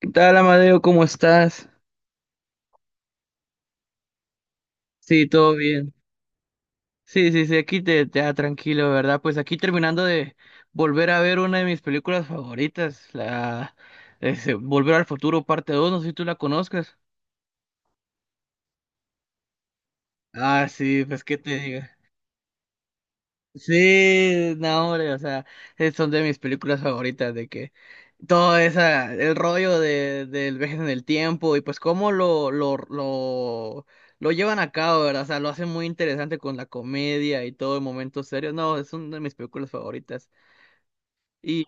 ¿Qué tal, Amadeo? ¿Cómo estás? Sí, todo bien. Sí, sí, sí, aquí te da tranquilo, ¿verdad? Pues aquí terminando de volver a ver una de mis películas favoritas, la ese, Volver al Futuro, parte 2. No sé si tú la conozcas. Ah, sí, pues qué te digo. Sí, no, hombre, o sea, son de mis películas favoritas, de que todo esa, el rollo del viaje en el tiempo y pues cómo lo llevan a cabo, ¿verdad? O sea, lo hacen muy interesante con la comedia y todo en momentos serios. No, es una de mis películas favoritas. Y,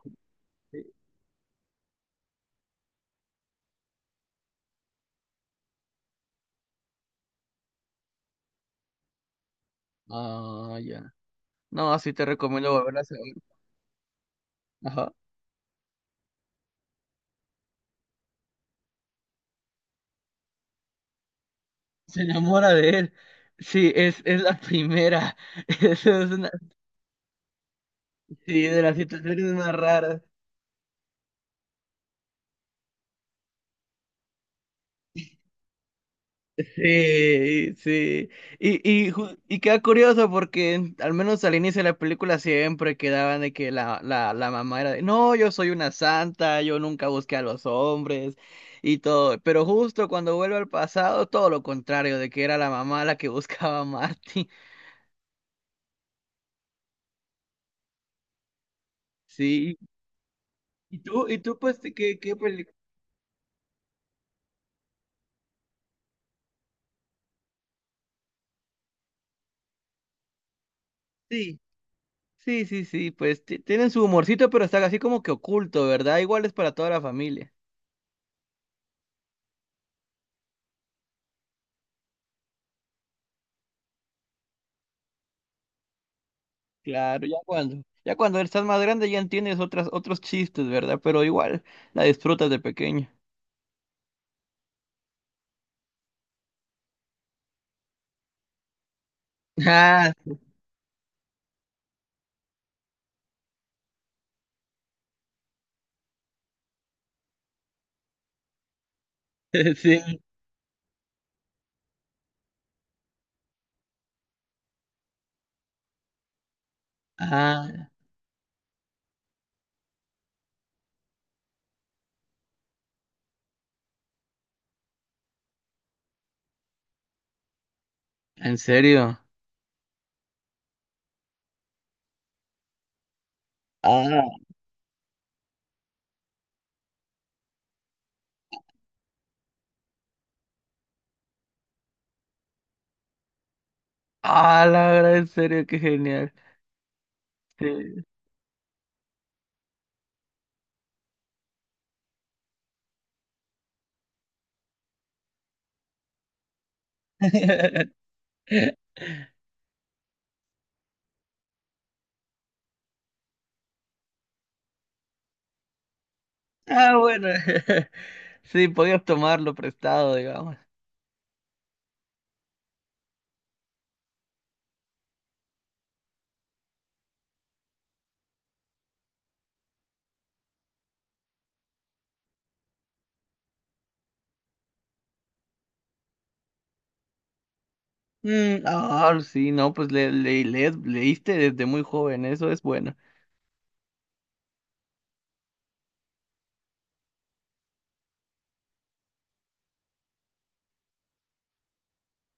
ah, ya. No, sí te recomiendo volverlas a ver. Ajá. Se enamora de él. Sí, es la primera. Esa es una, sí, de las situaciones más raras. Sí, sí. Y, y queda curioso porque al menos al inicio de la película siempre quedaban de que la mamá era de, no, yo soy una santa, yo nunca busqué a los hombres y todo. Pero justo cuando vuelve al pasado, todo lo contrario, de que era la mamá la que buscaba a Marty. Sí. ¿Y tú pues, qué película? Sí, sí, sí, sí, pues tienen su humorcito, pero está así como que oculto, ¿verdad? Igual es para toda la familia. Claro, ya cuando estás más grande ya entiendes otras, otros chistes, ¿verdad? Pero igual la disfrutas de pequeño. Ah, sí. Ah, ¿en serio? Ah, ah, la verdad, en serio, qué genial. Sí. Ah, bueno. Sí, podías tomarlo prestado, digamos. Ah, sí, no, pues leíste desde muy joven, eso es bueno.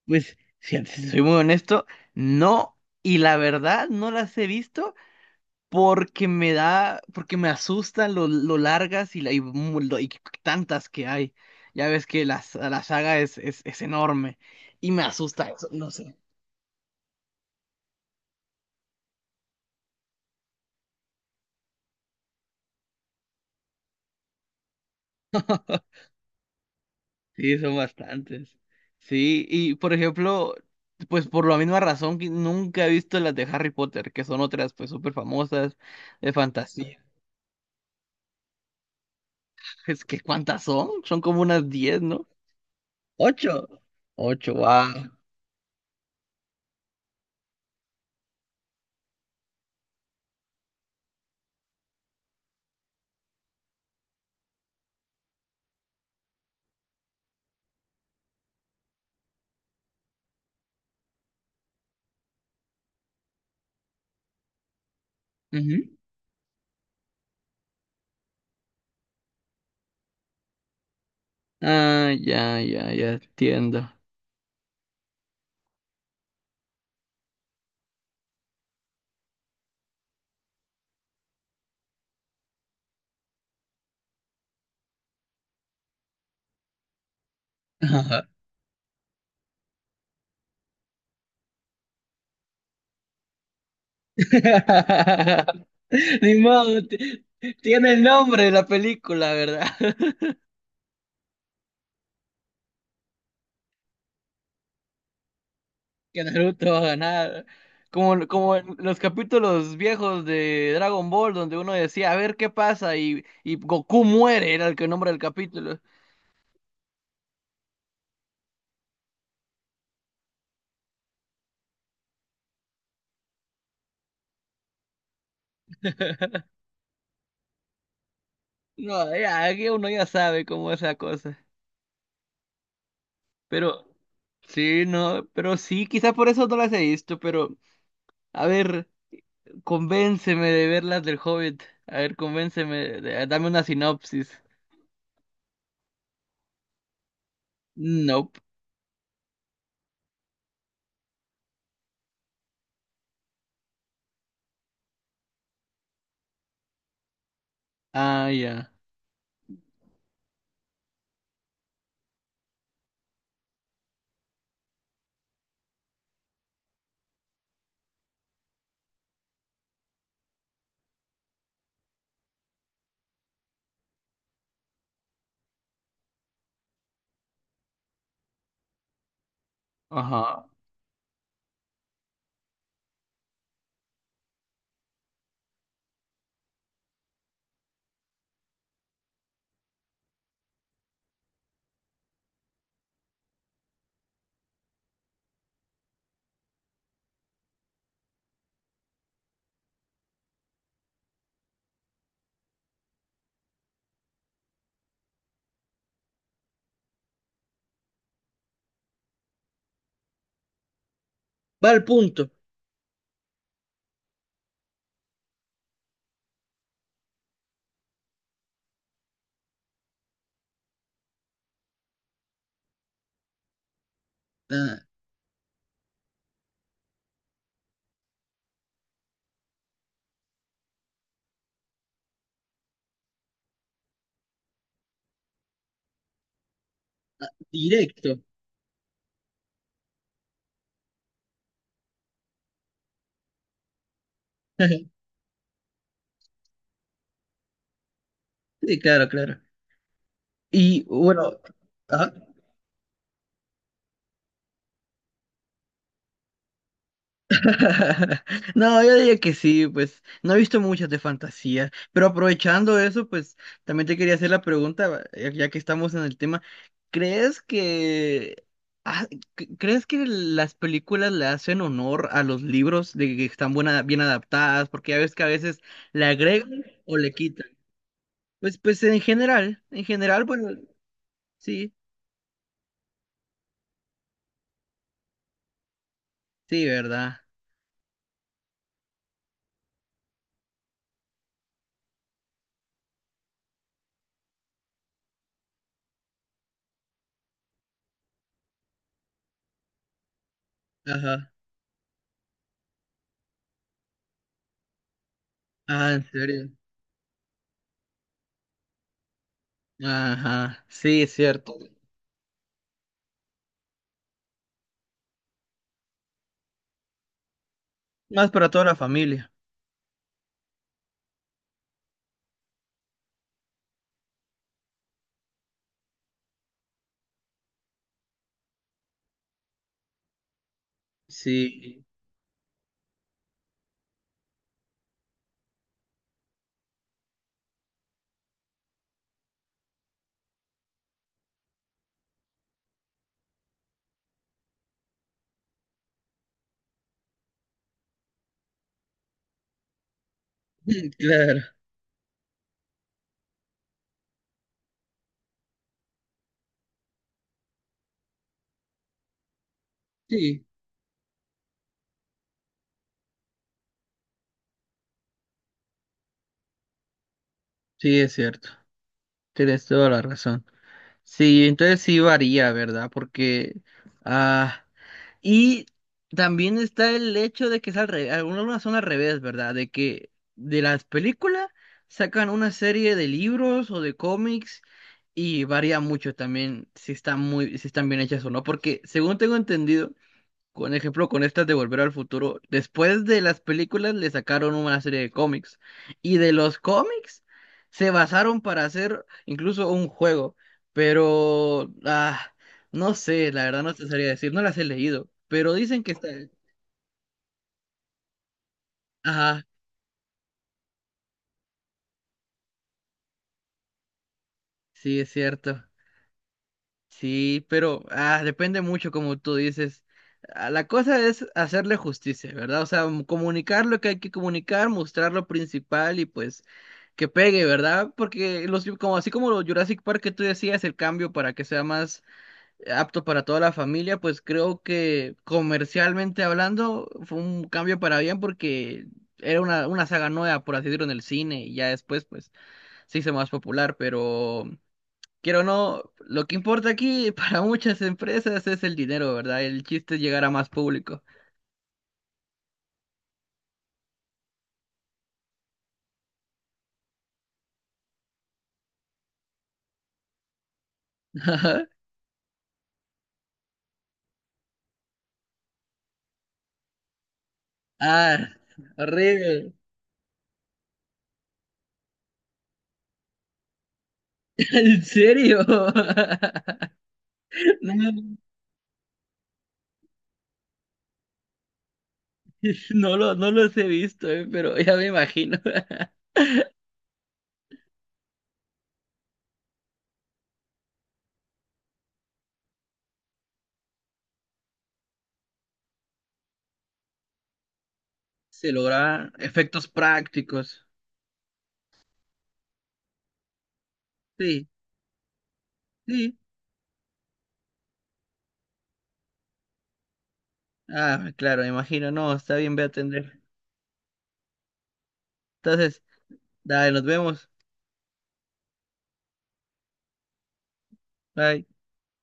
Pues, fíjate, si soy muy honesto, no, y la verdad no las he visto, porque me asustan lo largas y, y tantas que hay. Ya ves que las la saga es enorme y me asusta eso, no sé. Sí, son bastantes. Sí, y por ejemplo, pues por la misma razón que nunca he visto las de Harry Potter, que son otras pues súper famosas de fantasía. Es que ¿cuántas son? Son como unas 10, ¿no? Ocho. Ocho, wow. Ah, ya, ya, ya entiendo. Ni modo, tiene el nombre de la película, ¿verdad? Que Naruto va a ganar. Como en los capítulos viejos de Dragon Ball, donde uno decía, a ver qué pasa, y Goku muere, era el que nombra el capítulo. No, ya, aquí uno ya sabe cómo es la cosa. Pero, sí, no, pero sí, quizá por eso no las he visto, pero, a ver, convénceme de verlas del Hobbit. A ver, convénceme, dame una sinopsis. No. Ah, ya. Ajá. Va al punto. Ah, ah, directo. Sí, claro, claro. Y bueno. Ajá. No, yo diría que sí, pues no he visto muchas de fantasía, pero aprovechando eso, pues también te quería hacer la pregunta, ya que estamos en el tema, ¿crees que ah, crees que las películas le hacen honor a los libros de que están bien adaptadas? Porque ya ves que a veces le agregan o le quitan. Pues, en general, bueno, sí, sí, ¿verdad? Ajá, ah, en serio. Ajá, sí, es cierto. Más para toda la familia. Sí, claro, sí, sí, es cierto. Tienes toda la razón. Sí, entonces sí varía, ¿verdad? Ah, Y también está el hecho de que es al revés, algunas son al revés, ¿verdad? De que de las películas sacan una serie de libros o de cómics y varía mucho también si están bien hechas o no, porque según tengo entendido, con ejemplo, con estas de Volver al Futuro, después de las películas le sacaron una serie de cómics y de los cómics se basaron para hacer incluso un juego, pero no sé, la verdad no te sabría decir, no las he leído, pero dicen que está. Ajá, sí, es cierto. Sí, pero depende mucho, como tú dices. Ah, la cosa es hacerle justicia, ¿verdad? O sea, comunicar lo que hay que comunicar, mostrar lo principal y pues que pegue, ¿verdad? Porque así como los Jurassic Park que tú decías, el cambio para que sea más apto para toda la familia, pues creo que comercialmente hablando fue un cambio para bien porque era una saga nueva, por así decirlo, en el cine y ya después pues se hizo más popular, pero. Quiero o no, lo que importa aquí para muchas empresas es el dinero, ¿verdad? El chiste es llegar a más público. Ajá. Ah, horrible. ¿En serio? No, no los he visto, pero ya me imagino. Se logran efectos prácticos. Sí, sí. Ah, claro, me imagino. No, está bien, voy a atender. Entonces, dale, nos vemos. Bye.